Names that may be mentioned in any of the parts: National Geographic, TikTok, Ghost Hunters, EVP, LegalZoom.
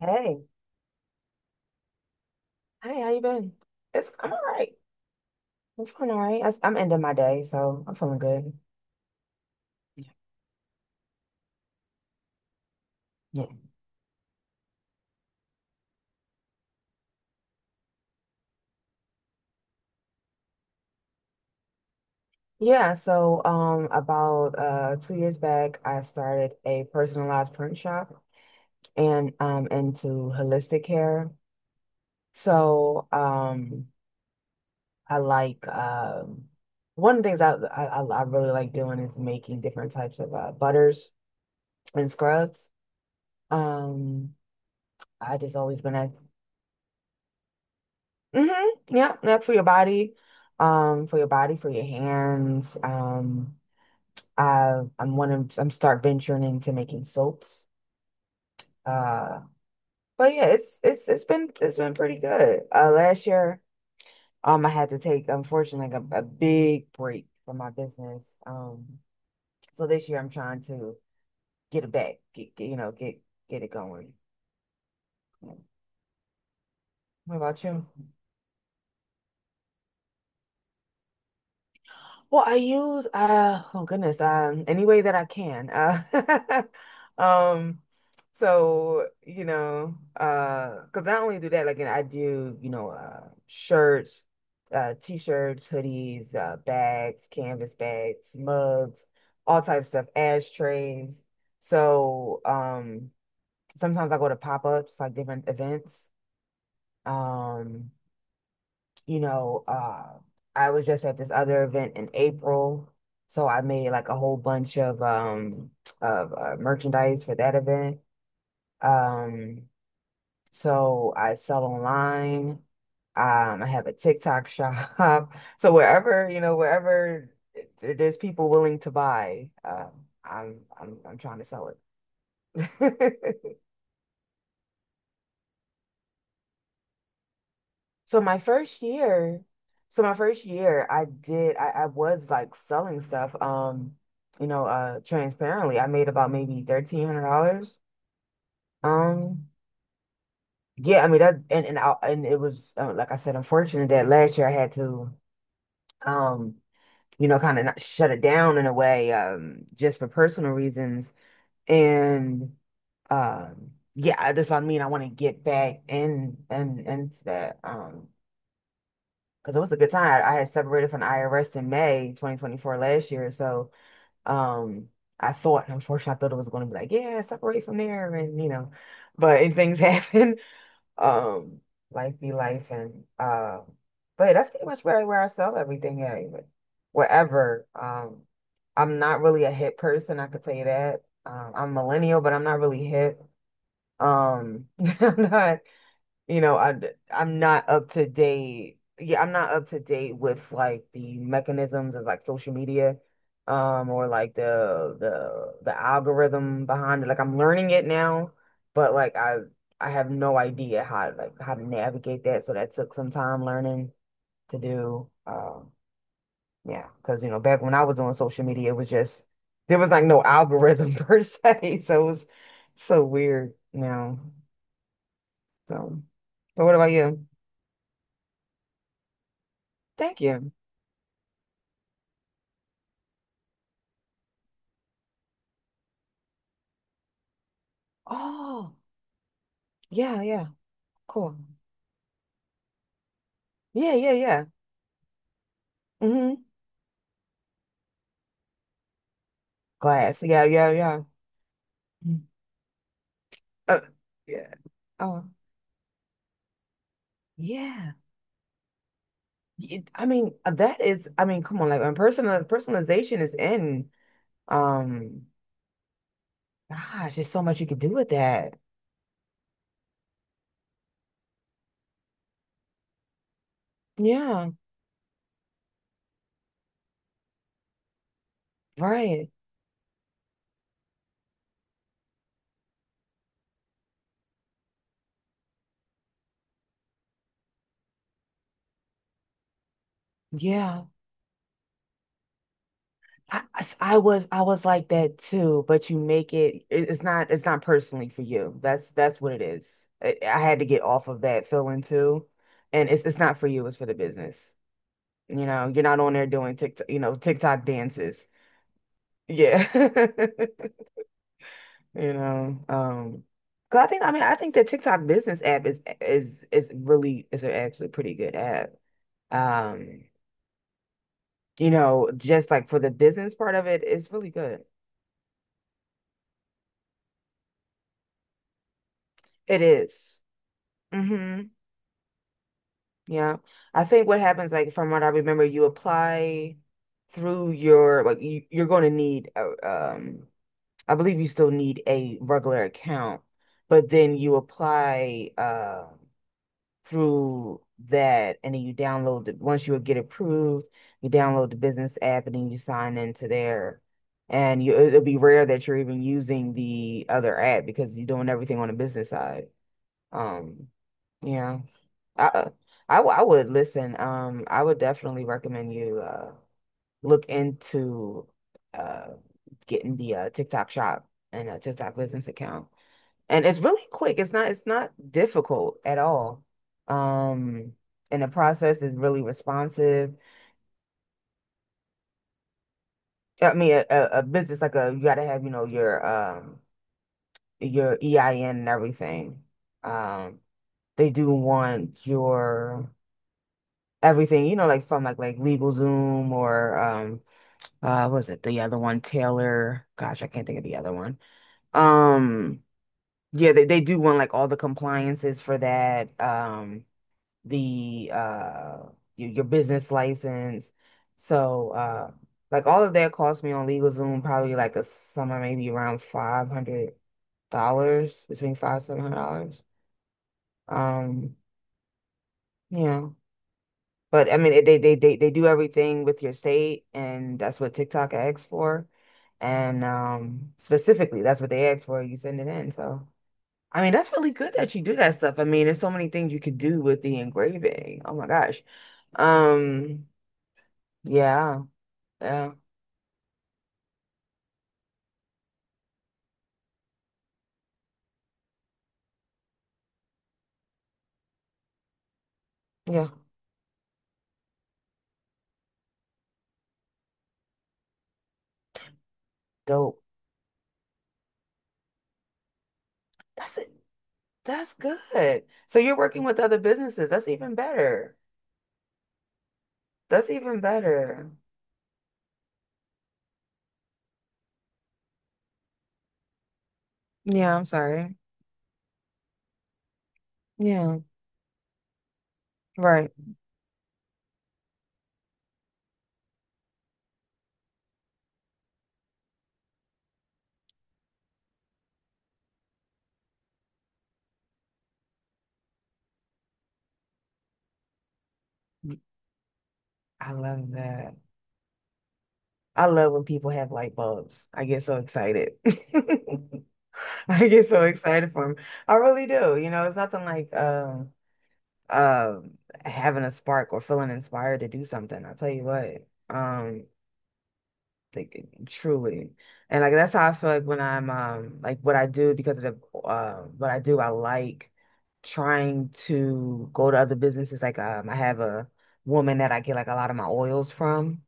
Hey, hey, how you been? It's I'm all right. I'm feeling all right. I'm ending my day, so I'm feeling good. Yeah. Yeah. Yeah, so about 2 years back I started a personalized print shop and into holistic care. So I like one of the things I really like doing is making different types of butters and scrubs. Um I just always been a. Mm-hmm. Yep, yep, for your body, for your hands. I I'm one of I'm start venturing into making soaps. Uh, but yeah, it's been pretty good. Last year, I had to take unfortunately like a big break from my business. So this year I'm trying to get it back, get it going. What about you? Well, I use oh goodness, any way that I can. Um so you know because not only do that like I do you know shirts, t-shirts, hoodies, bags, canvas bags, mugs, all types of stuff, ashtrays. So sometimes I go to pop-ups like different events. Um you know, uh, I was just at this other event in April, so I made like a whole bunch of merchandise for that event. Um, so I sell online. I have a TikTok shop. So wherever, wherever there's people willing to buy, I'm trying to sell it. So my first year, I was like selling stuff, transparently. I made about maybe $1,300. Um, yeah, I mean that, and it was like I said, unfortunate that last year I had to, um, kind of shut it down in a way, just for personal reasons. And yeah, that's what I mean. I want to get back in and into that. Because it was a good time. I had separated from the IRS in May 2024 last year, so um, I thought, unfortunately, I thought it was going to be like, yeah, separate from there, and but and things happen. Um, life be life, and but that's pretty much where I sell everything at, even wherever. I'm not really a hip person, I could tell you that. I'm millennial, but I'm not really hip. Um, I'm not you know, I I'm not up to date. Yeah, I'm not up to date with like the mechanisms of like social media, or like the algorithm behind it. Like I'm learning it now, but like I have no idea how to navigate that. So that took some time learning to do. Yeah, because back when I was on social media, it was just there was like no algorithm per se, so it was so weird now. So, but what about you? Thank you. Oh, yeah, yeah, cool. Yeah, yeah, yeah. Mm-hmm. Glass. Yeah, yeah, yeah. Mm. Uh, yeah. Oh, yeah. I mean, that is, I mean, come on, like when personalization is in, um, gosh, there's so much you could do with that. Yeah, right. Yeah. I was like that too, but you make it, it's not personally for you. That's what it is. I had to get off of that feeling too. And it's not for you, it's for the business. You're not on there doing TikTok, TikTok dances. Yeah. You know, um 'cause I think I mean I think the TikTok business app is really is a actually pretty good app. Um, just like for the business part of it, it's really good. It is. Mm-hmm. Yeah. I think what happens, like from what I remember, you apply through your like you're going to need a, um I believe you still need a regular account, but then you apply through that and then you download it once you get approved, you download the business app and then you sign into there. And you it'll be rare that you're even using the other app because you're doing everything on the business side. Um, yeah. I I would listen. I would definitely recommend you look into uh getting the TikTok shop and a TikTok business account. And it's really quick. It's not difficult at all. Um, and the process is really responsive. I mean, a business like a you gotta have, your EIN and everything. Um, they do want your everything, you know, like from LegalZoom or what was it the other one Taylor gosh I can't think of the other one um yeah they do want like all the compliances for that the uh your business license so like all of that cost me on LegalZoom probably like a summer maybe around $500 between five seven hundred dollars. um you know But I mean, it, they do everything with your state, and that's what TikTok asks for. And specifically, that's what they ask for. You send it in. So I mean, that's really good that you do that stuff. I mean, there's so many things you could do with the engraving. Oh my gosh. Um, yeah, yeah, yeah. Dope. That's it. That's good. So you're working with other businesses. That's even better. That's even better. Yeah, I'm sorry. Yeah, right. I love that. I love when people have light bulbs. I get so excited. I get so excited for them. I really do. It's nothing like um having a spark or feeling inspired to do something. I'll tell you what. Like, truly. And like that's how I feel like when I'm like what I do because of the what I do, I like trying to go to other businesses. Like I have a woman that I get like a lot of my oils from,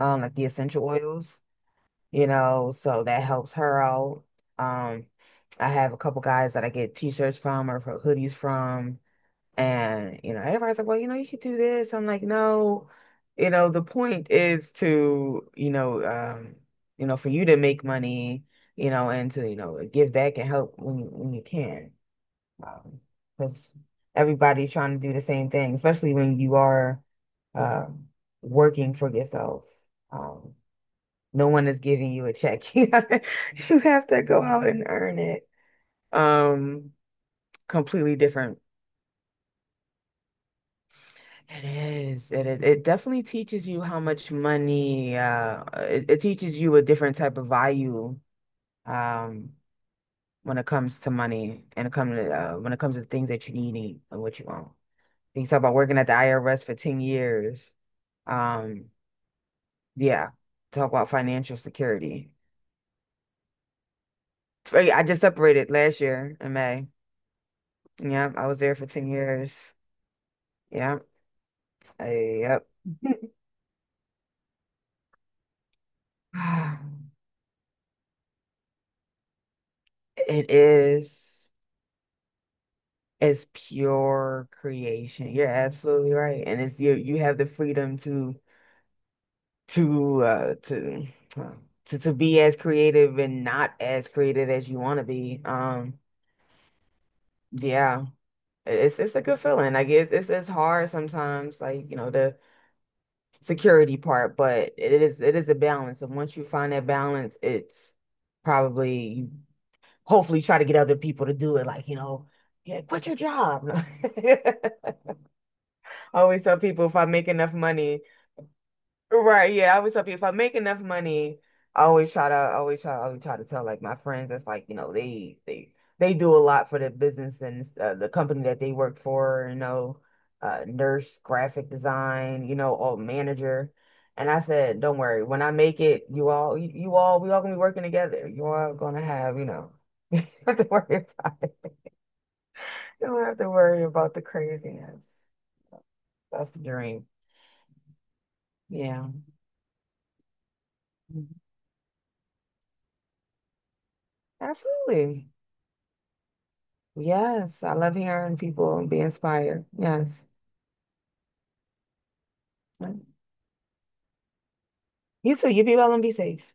like the essential oils. So that helps her out. Um, I have a couple guys that I get t-shirts from or for hoodies from, and everybody's like, well, you could do this. I'm like, no, the point is to, for you to make money, and to, give back and help when you can. Um, because everybody's trying to do the same thing, especially when you are uh, working for yourself. Um, no one is giving you a check. You have to go out and earn it. Um, completely different. It is. It is. It definitely teaches you how much money, it teaches you a different type of value, um, when it comes to money and it comes to, when it comes to things that you need and what you want. You talk about working at the IRS for 10 years. Um, yeah, talk about financial security. I just separated last year in May. Yeah, I was there for 10 years. Yeah. Yep. It is it's pure creation. You're absolutely right. And it's you you have the freedom to uh to uh, to be as creative and not as creative as you want to be. Yeah. It's a good feeling. Like it's hard sometimes, like, the security part, but it is a balance. And once you find that balance, it's probably hopefully try to get other people to do it. Like, yeah, quit your job. I always tell people if I make enough money, right? Yeah, I always tell people if I make enough money, I always try to, I always try to tell like my friends that's like, they do a lot for the business and the company that they work for. Nurse, graphic design, all manager. And I said, don't worry, when I make it, you all, we all gonna be working together. You all gonna have, nothing to worry about it. You don't have to worry about the craziness. That's the dream. Yeah. Mhm. Absolutely. Yes, I love hearing people be inspired. Yes. You too. You be well and be safe.